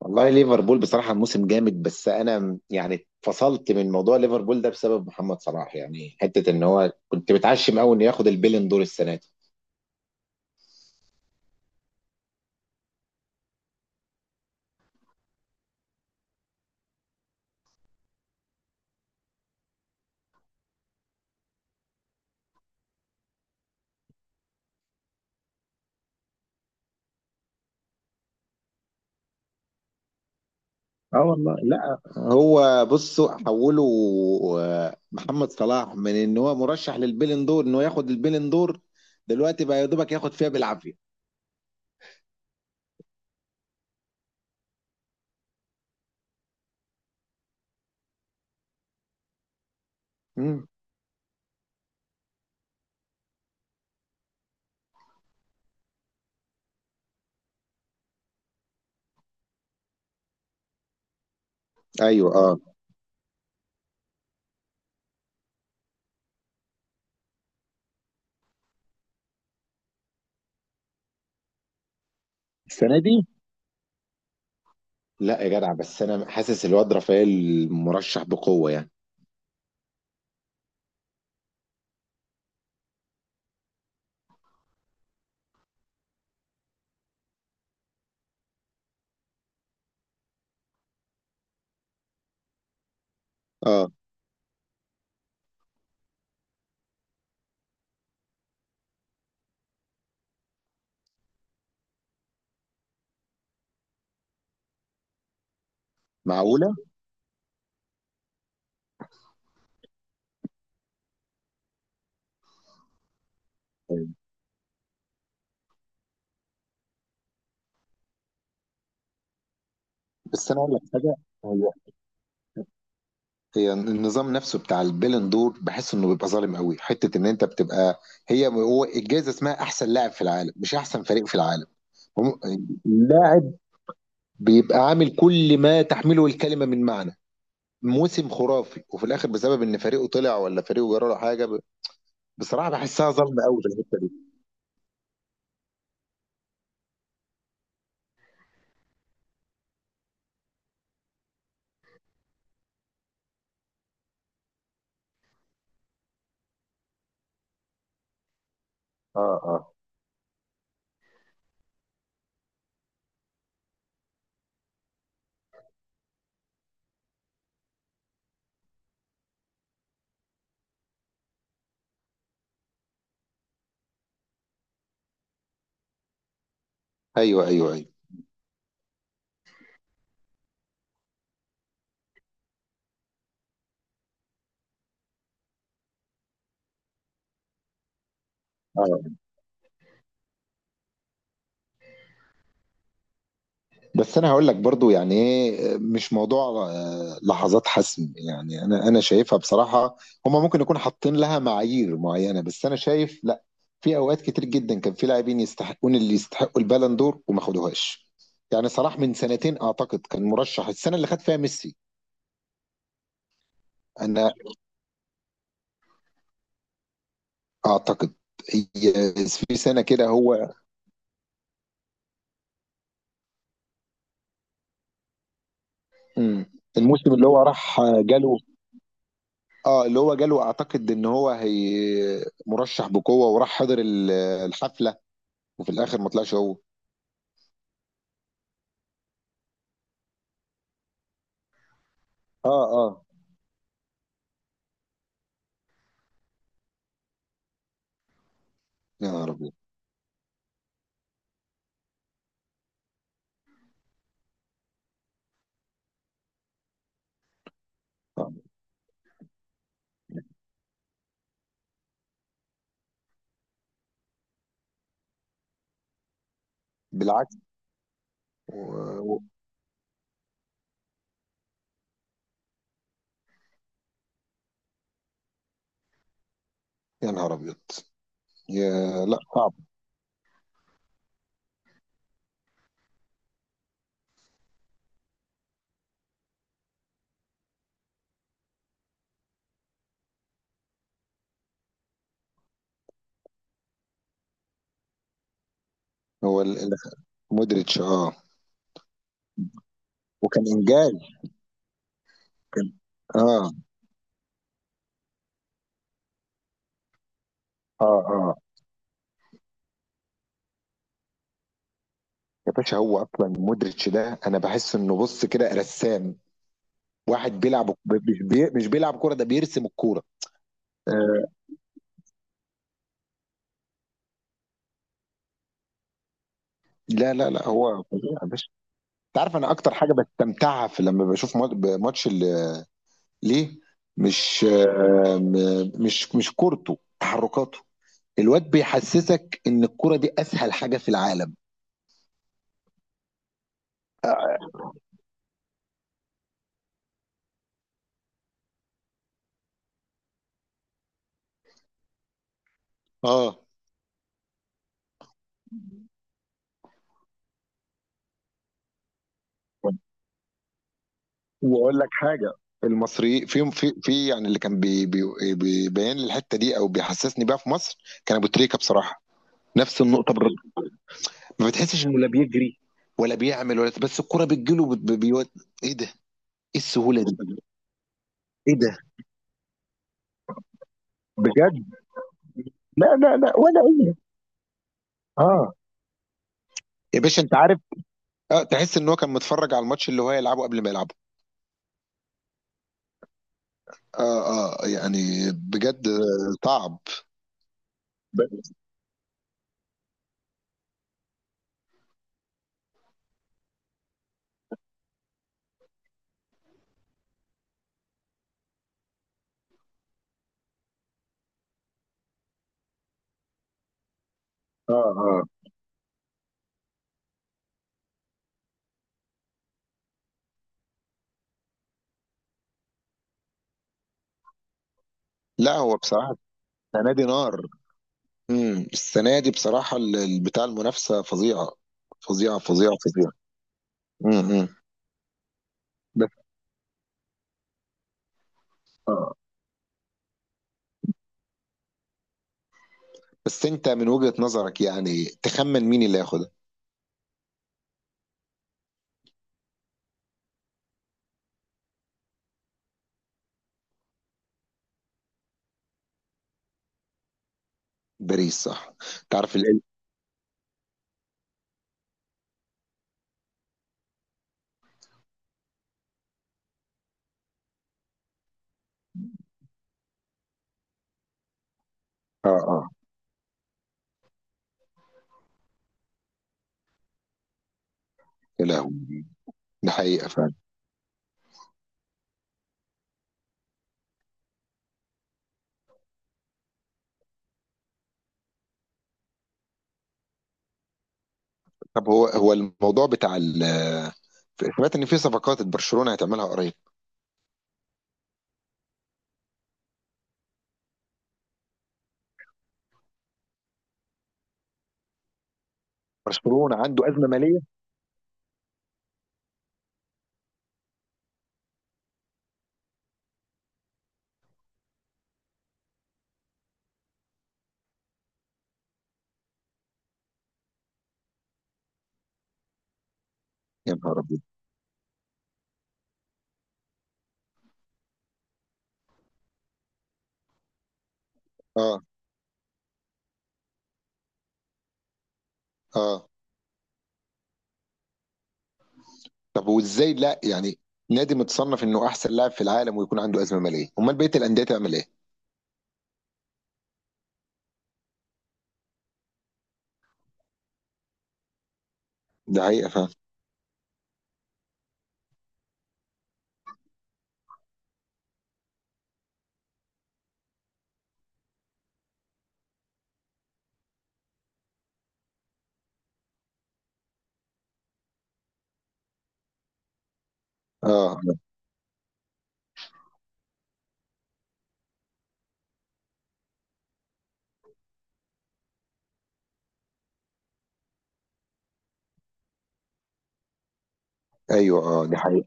والله، ليفربول بصراحة موسم جامد، بس أنا يعني فصلت من موضوع ليفربول ده بسبب محمد صلاح. يعني حتة إن هو، كنت متعشم أوي إنه ياخد البيلين دور السنة دي. اه والله لا، هو بصوا حولوا. محمد صلاح من إن هو مرشح للبيلين دور، إنه ياخد البيلين دور دلوقتي، بقى يا دوبك ياخد فيها بالعافية. مم. أيوه، أه. السنه دي. لا يا جدع، بس أنا حاسس الواد رافائيل مرشح بقوة يعني. أه، معقولة؟ بس أنا أقول لك حاجة. هي النظام نفسه بتاع البالون دور، بحس انه بيبقى ظالم قوي، حته ان انت بتبقى. هي هو الجائزه اسمها احسن لاعب في العالم، مش احسن فريق في العالم. هم- اللاعب بيبقى عامل كل ما تحمله الكلمه من معنى. موسم خرافي، وفي الاخر بسبب ان فريقه طلع، ولا فريقه جرى له حاجه بصراحه بحسها ظلم قوي في الحته دي. اه اه. ايوه ايوه ايوه. اه. بس انا هقول لك برضو، يعني ايه مش موضوع لحظات حسم؟ يعني انا شايفها بصراحه، هما ممكن يكون حاطين لها معايير معينه، بس انا شايف لا. في اوقات كتير جدا كان في لاعبين يستحقون، اللي يستحقوا البالون دور وما خدوهاش. يعني صلاح من سنتين اعتقد كان مرشح السنه اللي خد فيها ميسي. انا اعتقد. هي في سنه كده هو. مم. الموسم اللي هو راح جاله. اه، اللي هو جاله، اعتقد ان هو هي مرشح بقوه، وراح حضر الحفله. وفي الاخر ما طلعش هو. اه اه. يا نهار ابيض. صعب. بالعكس. و... و... يا نهار ابيض. يا لا صعب. هو مودريتش. اه، وكان انجاز. كان. اه اه اه. يا باشا، هو اصلا مودريتش ده انا بحس انه بص كده رسام. واحد بيلعب مش بيلعب كوره، ده بيرسم الكوره. آه. لا لا لا، هو فظيع يا باشا. انت عارف انا اكتر حاجه بستمتعها في لما بشوف ماتش ليه؟ مش آه م- مش مش كورته، تحركاته. الواد بيحسسك ان الكرة دي اسهل حاجة في العالم. اه، واقول لك حاجه. المصريين في، يعني اللي كان بي بي بيبين لي الحته دي، او بيحسسني بيها في مصر. كان ابو تريكه بصراحه. نفس النقطه برضه. ما بتحسش انه لا بيجري ولا بيعمل ولا، بس الكرة بتجيله، بيود. ايه ده؟ ايه السهوله دي؟ ايه ده؟ بجد. لا لا لا ولا. ايه. اه يا باشا، انت عارف. اه، تحس ان هو كان متفرج على الماتش اللي هو هيلعبه قبل ما يلعبه. اه اه يعني. بجد صعب. اه اه، لا هو بصراحة السنة دي نار. السنة دي بصراحة بتاع المنافسة فظيعة. فظيعة فظيعة فظيعة. امم. بس. آه. بس انت من وجهة نظرك يعني تخمن مين اللي هياخدها؟ باريس، صح؟ تعرف ال. اه اه. يا لهوي. ده حقيقة فعلا. طب هو الموضوع بتاع ال. سمعت ان في صفقات برشلونة هتعملها قريب. برشلونة عنده أزمة مالية؟ يا نهار أبيض. اه. اه. طب وازاي؟ لا يعني، نادي متصنف انه احسن لاعب في العالم ويكون عنده ازمه ماليه؟ امال بقيه الانديه تعمل ايه؟ ده حقيقه، فاهم. اه. ايوه اه، دي حقيقه.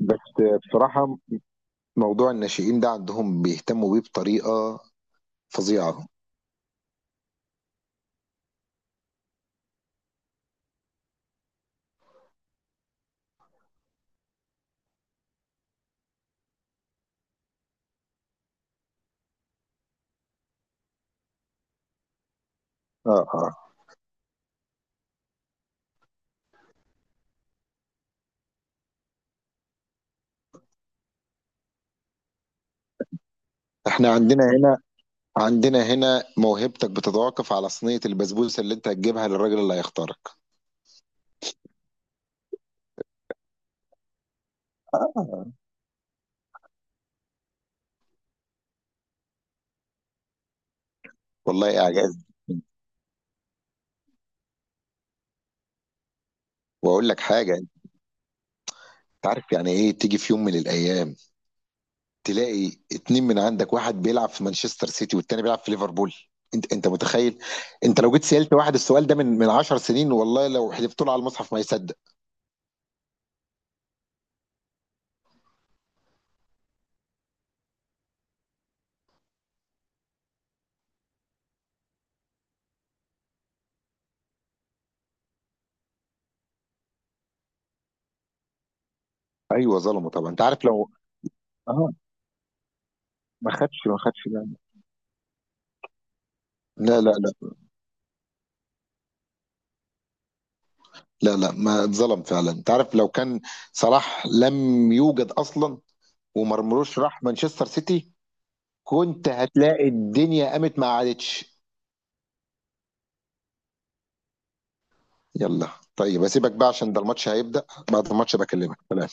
بس بصراحه، موضوع الناشئين ده عندهم بيهتموا بيه بطريقه فظيعه. اه اه. احنا عندنا هنا، عندنا هنا موهبتك بتتوقف على صينيه البسبوسه اللي انت هتجيبها للراجل اللي هيختارك. آه. والله اعجاز. واقول لك حاجه، انت عارف يعني ايه تيجي في يوم من الايام تلاقي اتنين من عندك، واحد بيلعب في مانشستر سيتي والتاني بيلعب في ليفربول؟ انت متخيل؟ انت لو جيت سألت واحد السؤال ده من 10 سنين، والله لو حذفت له على المصحف ما يصدق. ايوه ظلمه طبعا، انت عارف لو. اه، ما خدش ما خدش، لا. لا لا لا. لا، لا، ما اتظلم فعلا، انت عارف لو كان صلاح لم يوجد اصلا ومرمروش راح مانشستر سيتي، كنت هتلاقي الدنيا قامت ما عادتش. يلا، طيب اسيبك بقى عشان ده الماتش هيبدأ. بعد الماتش بكلمك. سلام.